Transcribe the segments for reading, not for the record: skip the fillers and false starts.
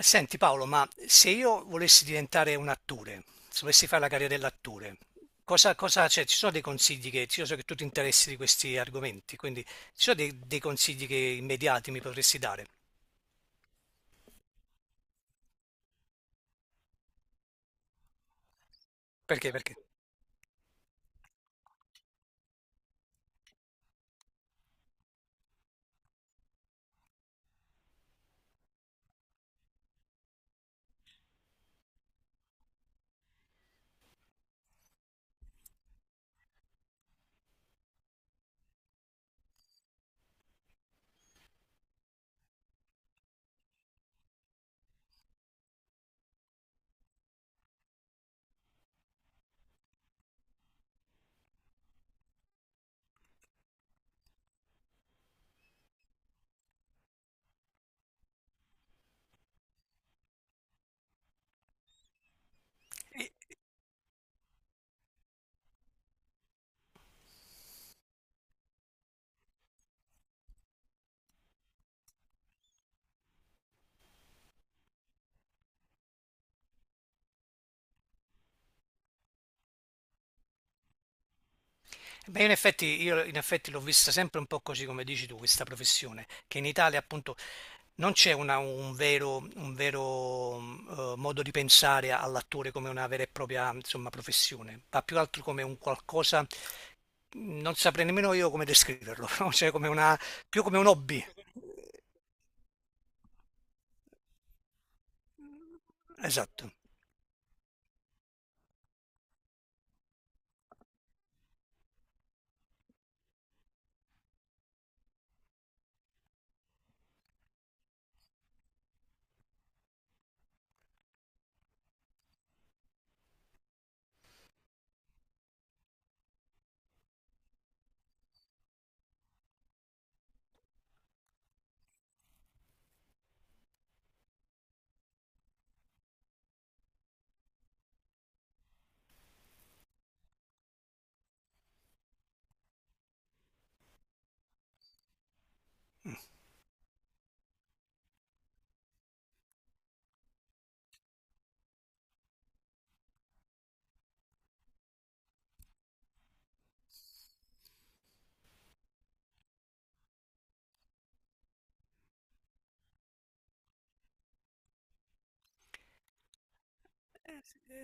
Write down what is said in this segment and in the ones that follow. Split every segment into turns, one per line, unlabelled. Senti Paolo, ma se io volessi diventare un attore, se volessi fare la carriera dell'attore, cosa, cioè, ci sono dei consigli che, io so che tu ti interessi di questi argomenti, quindi ci sono dei consigli che immediati mi potresti dare? Perché? Perché? Eh, Beh, in effetti, io in effetti l'ho vista sempre un po' così come dici tu, questa professione, che in Italia appunto non c'è un vero, un vero, modo di pensare all'attore come una vera e propria, insomma, professione, ma più altro come un qualcosa non saprei nemmeno io come descriverlo, no? Cioè come una, più come un hobby. Esatto. Mm.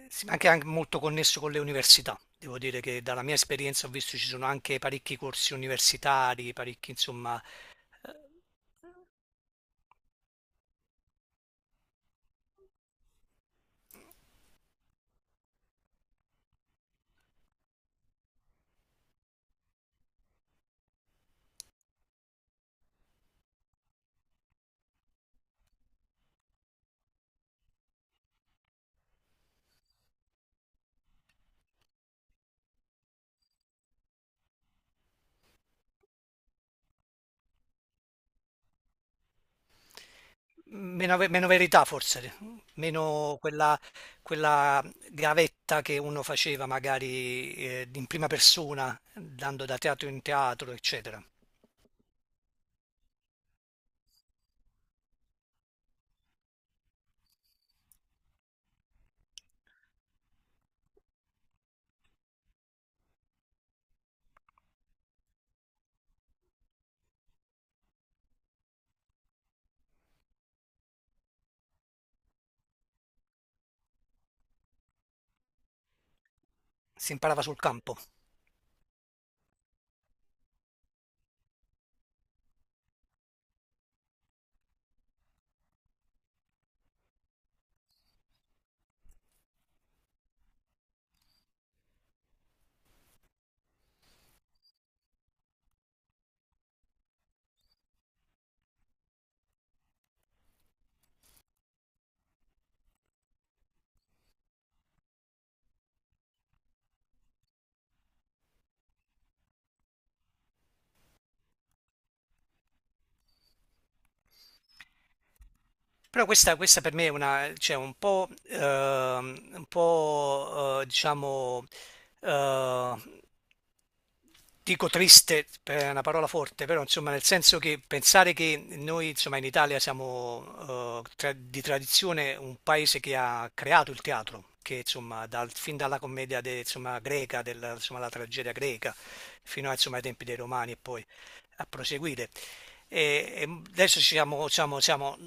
Sì, ma anche molto connesso con le università. Devo dire che dalla mia esperienza ho visto ci sono anche parecchi corsi universitari, parecchi, insomma, meno, meno verità forse, meno quella, quella gavetta che uno faceva magari in prima persona, andando da teatro in teatro, eccetera. Si imparava sul campo. Però questa per me è una cioè un po', diciamo, ehm, dico triste, è una parola forte, però insomma nel senso che pensare che noi insomma in Italia siamo di tradizione un paese che ha creato il teatro, che insomma fin dalla commedia insomma, greca, della, insomma, la tragedia greca, fino a, insomma, ai tempi dei Romani e poi a proseguire. E, e adesso siamo,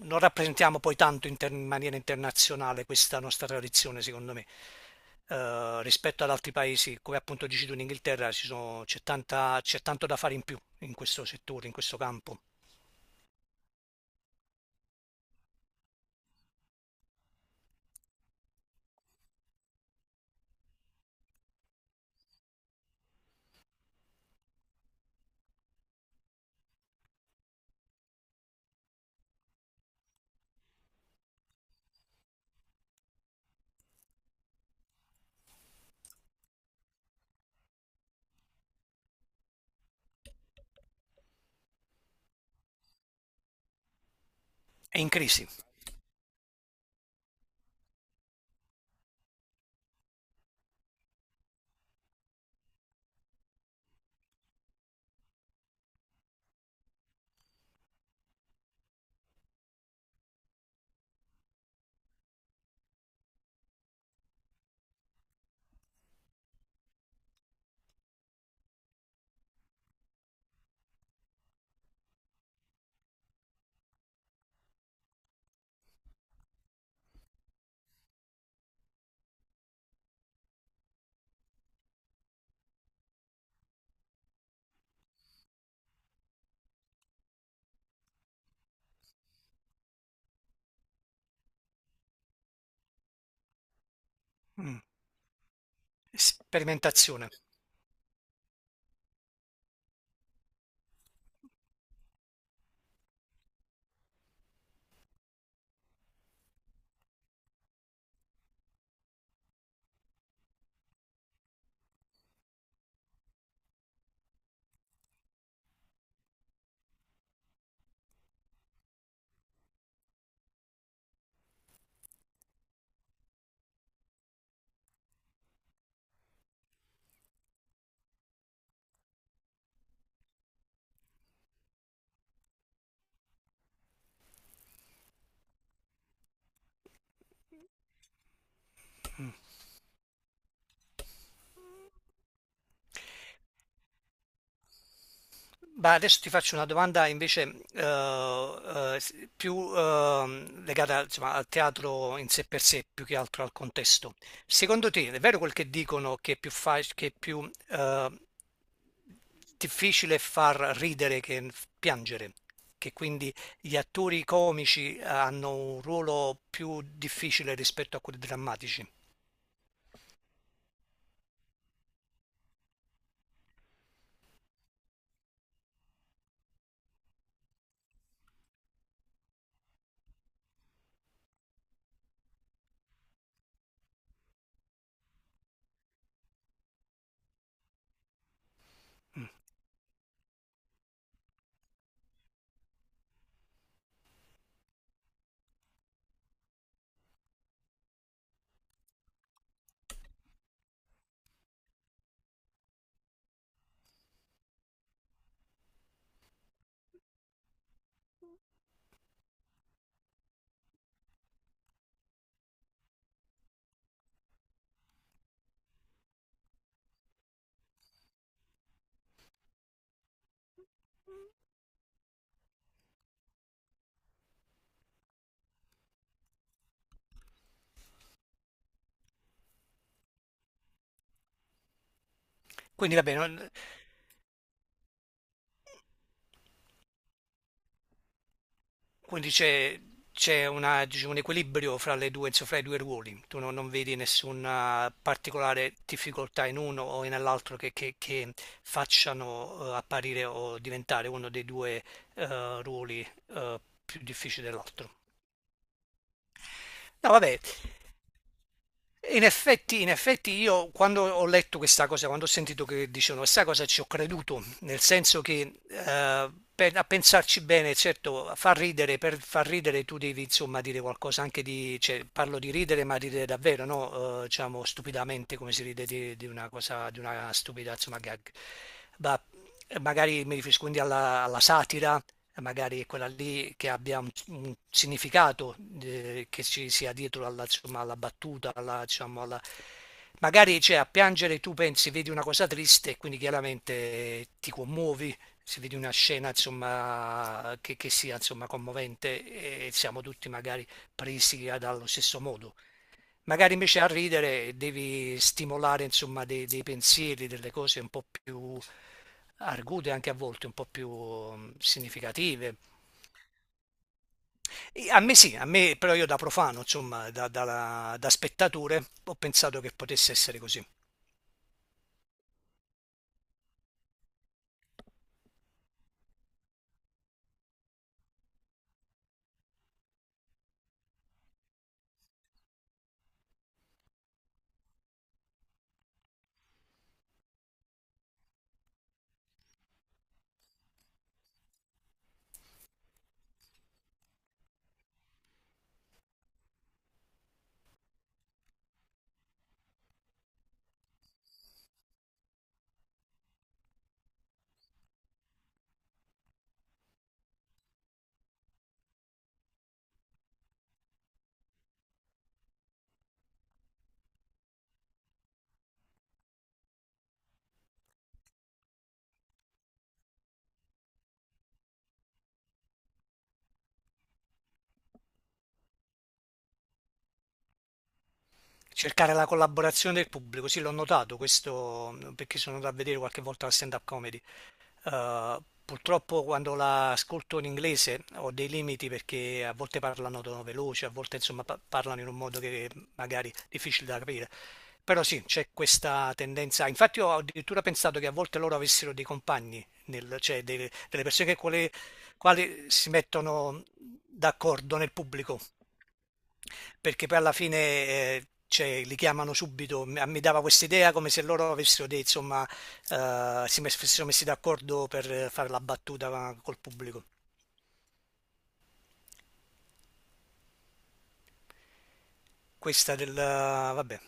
non rappresentiamo poi tanto in maniera internazionale questa nostra tradizione, secondo me. Rispetto ad altri paesi, come appunto dici tu in Inghilterra, c'è c'è tanto da fare in più in questo settore, in questo campo. È in crisi. Mm. Sperimentazione. Mm. Beh, adesso ti faccio una domanda invece più legata insomma, al teatro in sé per sé, più che altro al contesto. Secondo te è vero quel che dicono che è più, che è più difficile far ridere che piangere? Che quindi gli attori comici hanno un ruolo più difficile rispetto a quelli drammatici? Mm. Quindi va bene, quindi c'è diciamo, un equilibrio fra le due, insomma, fra i due ruoli. Tu non, non vedi nessuna particolare difficoltà in uno o nell'altro che, che facciano apparire o diventare uno dei due ruoli più difficili dell'altro. No, vabbè. In effetti, io quando ho letto questa cosa, quando ho sentito che dicevano questa cosa, ci ho creduto, nel senso che a pensarci bene, certo, fa ridere, per far ridere tu devi insomma dire qualcosa anche di, cioè, parlo di ridere, ma ridere davvero, no? Diciamo stupidamente come si ride di una cosa, di una stupida, insomma, gag. Ma magari mi riferisco quindi alla, alla satira, magari è quella lì che abbia un significato che ci sia dietro alla, insomma, alla battuta, alla, diciamo, alla... magari cioè, a piangere tu pensi, vedi una cosa triste, e quindi chiaramente ti commuovi, se vedi una scena insomma, che sia insomma, commovente e siamo tutti magari presi dallo stesso modo. Magari invece a ridere devi stimolare insomma, dei pensieri, delle cose un po' più argute anche a volte, un po' più significative, a me sì, a me però io da profano, insomma, da spettatore, ho pensato che potesse essere così. Cercare la collaborazione del pubblico, sì, l'ho notato questo perché sono andato a vedere qualche volta la stand-up comedy. Eh, purtroppo quando la ascolto in inglese ho dei limiti perché a volte parlano tono veloce, a volte insomma parlano in un modo che magari è difficile da capire. Però sì, c'è questa tendenza. Infatti ho addirittura pensato che a volte loro avessero dei compagni, cioè delle persone che quali si mettono d'accordo nel pubblico perché poi alla fine, cioè li chiamano subito, mi dava quest'idea come se loro avessero dei insomma, si mes fossero messi d'accordo per fare la battuta col pubblico. Questa del vabbè.